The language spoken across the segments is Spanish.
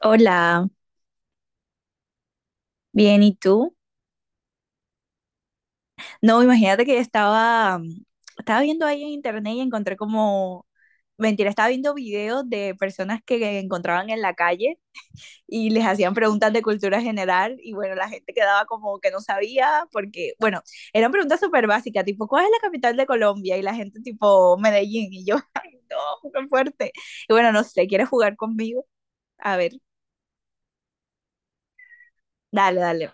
Hola, bien, ¿y tú? No, imagínate que estaba, estaba viendo ahí en internet y encontré como, mentira, estaba viendo videos de personas que encontraban en la calle y les hacían preguntas de cultura general y bueno, la gente quedaba como que no sabía porque, bueno, eran preguntas súper básicas, tipo, ¿cuál es la capital de Colombia? Y la gente tipo, Medellín y yo, ay, no, qué fuerte. Y bueno, no sé, ¿quieres jugar conmigo? A ver, dale, dale.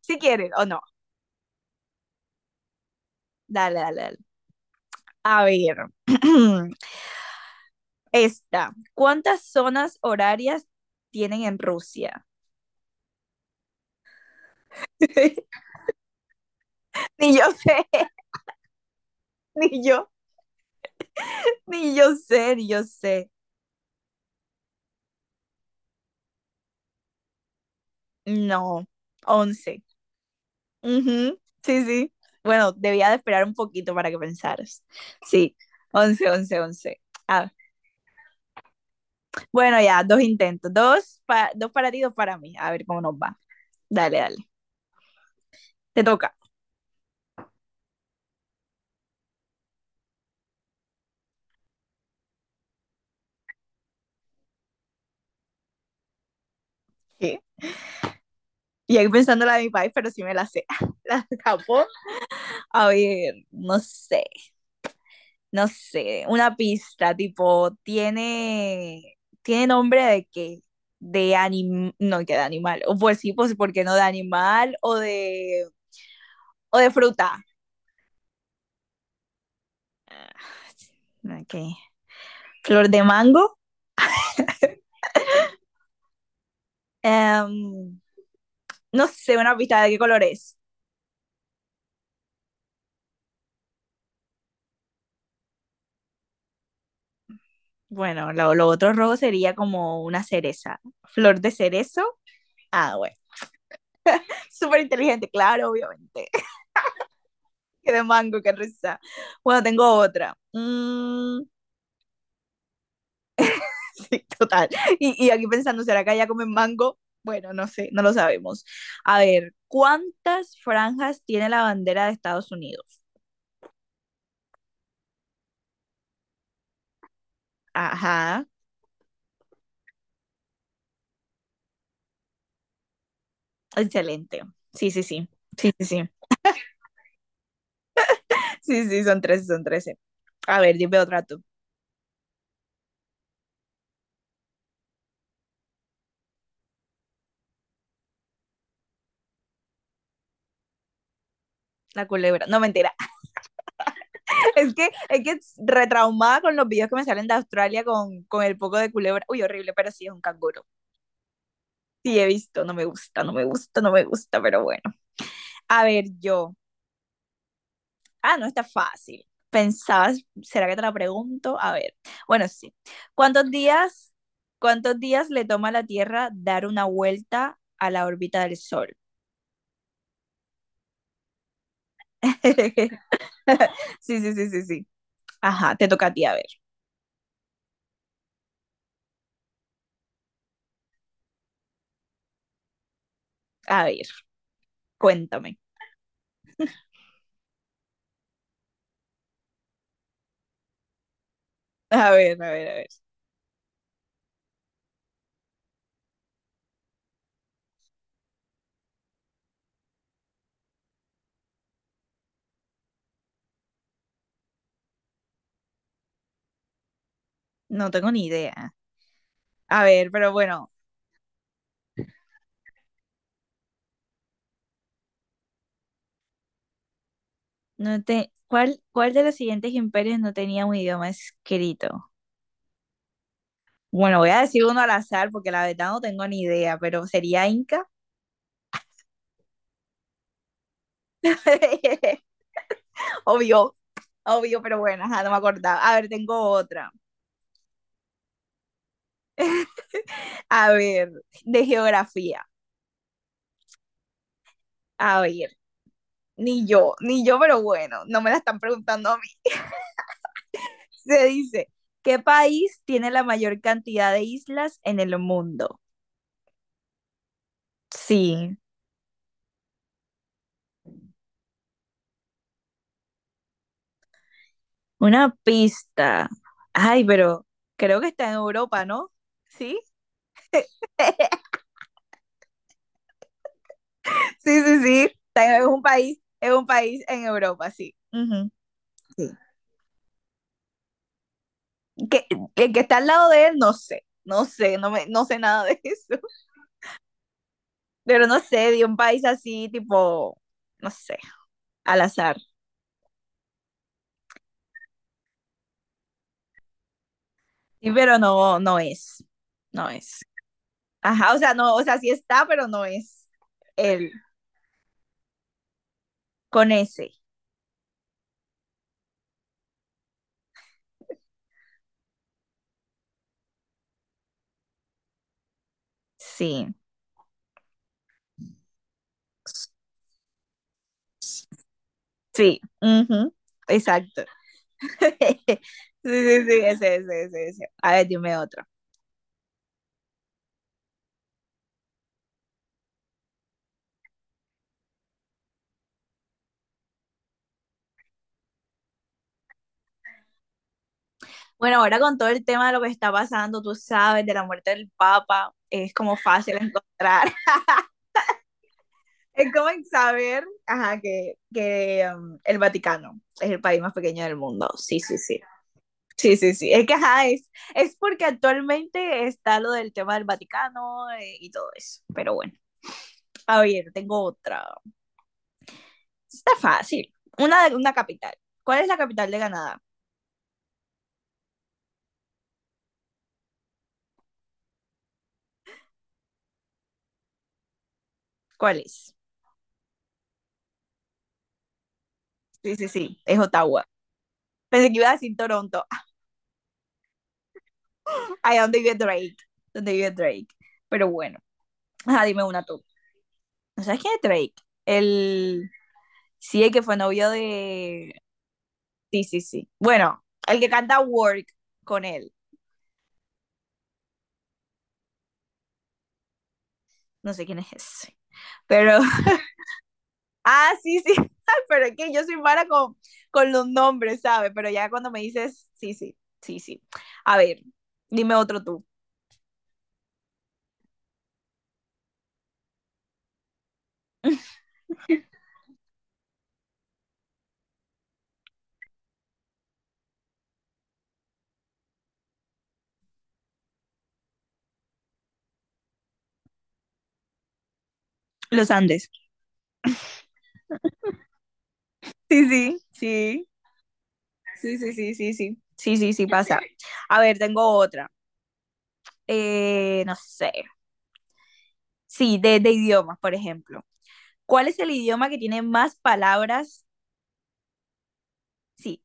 Si quieres o no, dale, dale, dale. A ver. Esta, ¿cuántas zonas horarias tienen en Rusia? Ni yo sé. Ni yo, ni yo sé, ni yo sé. No, 11. Ujú, sí, sí. Bueno, debía de esperar un poquito para que pensaras. Sí, once, 11, 11. Ah, bueno, ya, dos intentos. Dos, dos para ti, dos para mí. A ver cómo nos va. Dale, dale. Te toca. ¿Qué? Y ahí pensando la de mi país, pero sí me la sé. La de Japón. A ver, no sé. No sé, una pista, tipo, tiene nombre de qué, de animal, no, que de animal, o pues sí, pues, ¿por qué no de animal o de fruta? Ok, flor de mango. Em, no sé, una pista de qué color es. Bueno, lo otro rojo sería como una cereza, flor de cerezo. Ah, bueno, súper inteligente, claro, obviamente. Que de mango, qué risa. Bueno, tengo otra. Sí, total. Y aquí pensando, ¿será que allá comen mango? Bueno, no sé, no lo sabemos. A ver, ¿cuántas franjas tiene la bandera de Estados Unidos? Ajá, excelente. Sí, sí, sí. Sí, sí, sí. Sí, sí, son trece, son trece. A ver, dime otra tú. La culebra. No, mentira. Es que retraumada con los videos que me salen de Australia con el poco de culebra. Uy, horrible, pero sí es un canguro. Sí, he visto. No me gusta, no me gusta, no me gusta, pero bueno. A ver, yo. Ah, no está fácil. Pensabas, ¿será que te la pregunto? A ver. Bueno, sí. ¿Cuántos días, cuántos días le toma a la Tierra dar una vuelta a la órbita del Sol? Sí, sí, sí, sí, sí. Ajá, te toca a ti, a ver. A ver, cuéntame. A ver, a ver, a ver. No tengo ni idea. A ver, pero bueno, no te... ¿Cuál, cuál de los siguientes imperios no tenía un idioma escrito? Bueno, voy a decir uno al azar porque la verdad no tengo ni idea, pero sería Inca. Obvio, obvio, pero bueno, ajá, no me acordaba. A ver, tengo otra. A ver, de geografía. A ver, ni yo, ni yo, pero bueno, no me la están preguntando a mí. Se dice, ¿qué país tiene la mayor cantidad de islas en el mundo? Sí, una pista. Ay, pero creo que está en Europa, ¿no? Sí, sí, sí, sí. Está en- es un país en Europa, sí. Ujú, sí. Que, el que está al lado de él, no sé, no sé, no, me, no sé nada de eso. Pero no sé, de un país así, tipo, no sé, al azar. Sí, pero no, no es. No es. Ajá, o sea, no, o sea, sí está, pero no es él. Con ese. Sí, sí, ujú. Exacto. Sí, sí, sí, ese, ese, ese, ese. A ver, dime otro. Bueno, ahora con todo el tema de lo que está pasando, tú sabes, de la muerte del Papa, es como fácil encontrar. Es como saber, ajá, que el Vaticano es el país más pequeño del mundo. Sí, sí, sí. Sí, sí, sí. Es que, ajá, es porque actualmente está lo del tema del Vaticano y todo eso. Pero bueno, a ver, tengo otra. Está fácil. Una capital. ¿Cuál es la capital de Canadá? ¿Cuál es? Sí, sí, sí. Es Ottawa. Pensé que iba a decir Toronto. Ahí donde vive Drake. Donde vive Drake. Pero bueno, ajá, dime una tú. ¿No sabes quién es Drake? El. Sí, el que fue novio de. Sí, sí, sí. Bueno, el que canta Work con él. No sé quién es ese. Pero. Ah, sí, sí. Pero es que yo soy mala con los nombres, ¿sabes? Pero ya cuando me dices. Sí, sí, sí, sí. A ver, dime otro tú. Los Andes. Sí, sí, sí. Sí, sí, sí, sí, sí. Sí, sí, sí, pasa. A ver, tengo otra. No sé. Sí, de idiomas, por ejemplo. ¿Cuál es el idioma que tiene más palabras? Sí,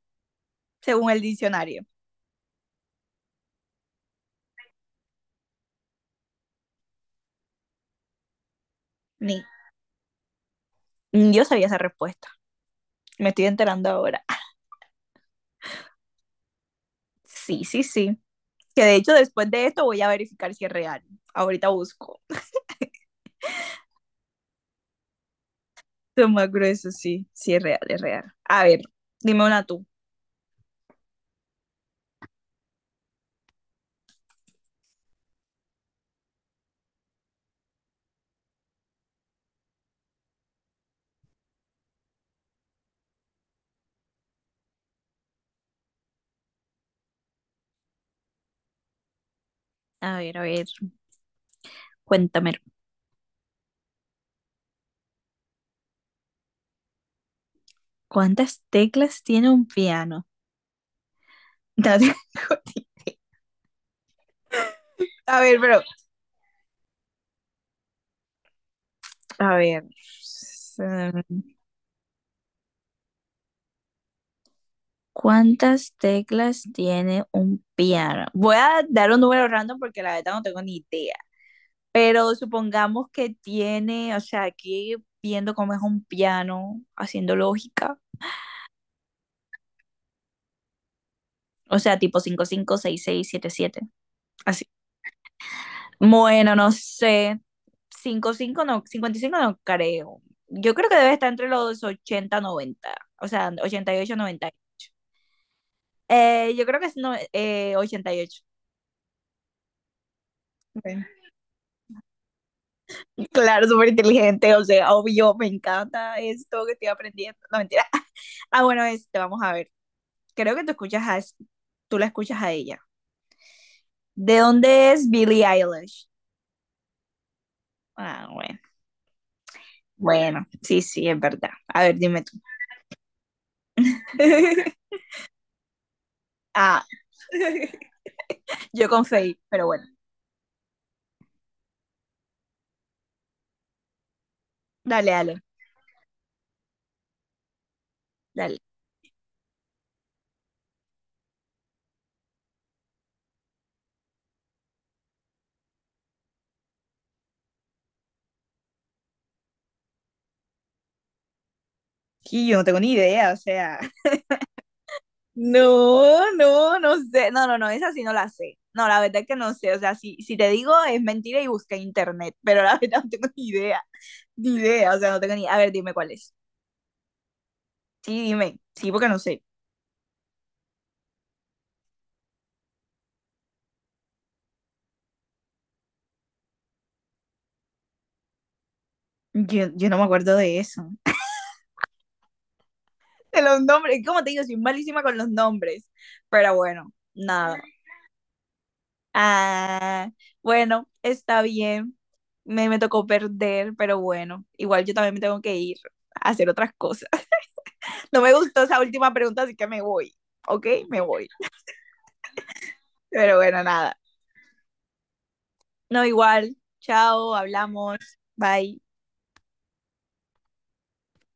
según el diccionario. Ni, ni yo sabía esa respuesta. Me estoy enterando ahora. Sí, sí, sí. Que de hecho después de esto voy a verificar si es real. Ahorita busco. Es más grueso, sí. Sí es real, es real. A ver, dime una tú. A ver, a ver. Cuéntame. ¿Cuántas teclas tiene un piano? No tengo ni- A ver, pero. A ver. mm, ¿Cuántas teclas tiene un piano? Voy a dar un número random porque la verdad no tengo ni idea. Pero supongamos que tiene, o sea, aquí viendo cómo es un piano, haciendo lógica, o sea, tipo cinco cinco seis seis siete siete así. Bueno, no sé, cinco cinco no, 55 no creo. Yo creo que debe estar entre los 80 90 o sea, 88, 98. Yo creo que es no, 88. Bueno, claro, súper inteligente, o sea, obvio, me encanta esto que estoy aprendiendo. No, mentira. Ah, bueno, este, vamos a ver. Creo que tú escuchas a, tú la escuchas a ella. ¿De dónde es Billie Eilish? Ah, bueno. Bueno, sí, sí, es verdad. A ver, dime tú. Ah, yo con Faye, pero bueno. Dale, dale, dale. Y yo no tengo ni idea, o sea. No, no, no sé. No, no, no, esa sí no la sé. No, la verdad es que no sé. O sea, si, si te digo es mentira y busqué en internet, pero la verdad no tengo ni idea. Ni idea, o sea, no tengo ni. A ver, dime cuál es. Sí, dime. Sí, porque no sé. Yo no me acuerdo de eso. De los nombres. Como te digo, soy malísima con los nombres. Pero bueno, nada. Ah, bueno, está bien. Me tocó perder, pero bueno, igual yo también me tengo que ir a hacer otras cosas. No me gustó esa última pregunta, así que me voy. ¿Ok? Me voy. Pero bueno, nada. No, igual. Chao, hablamos. Bye.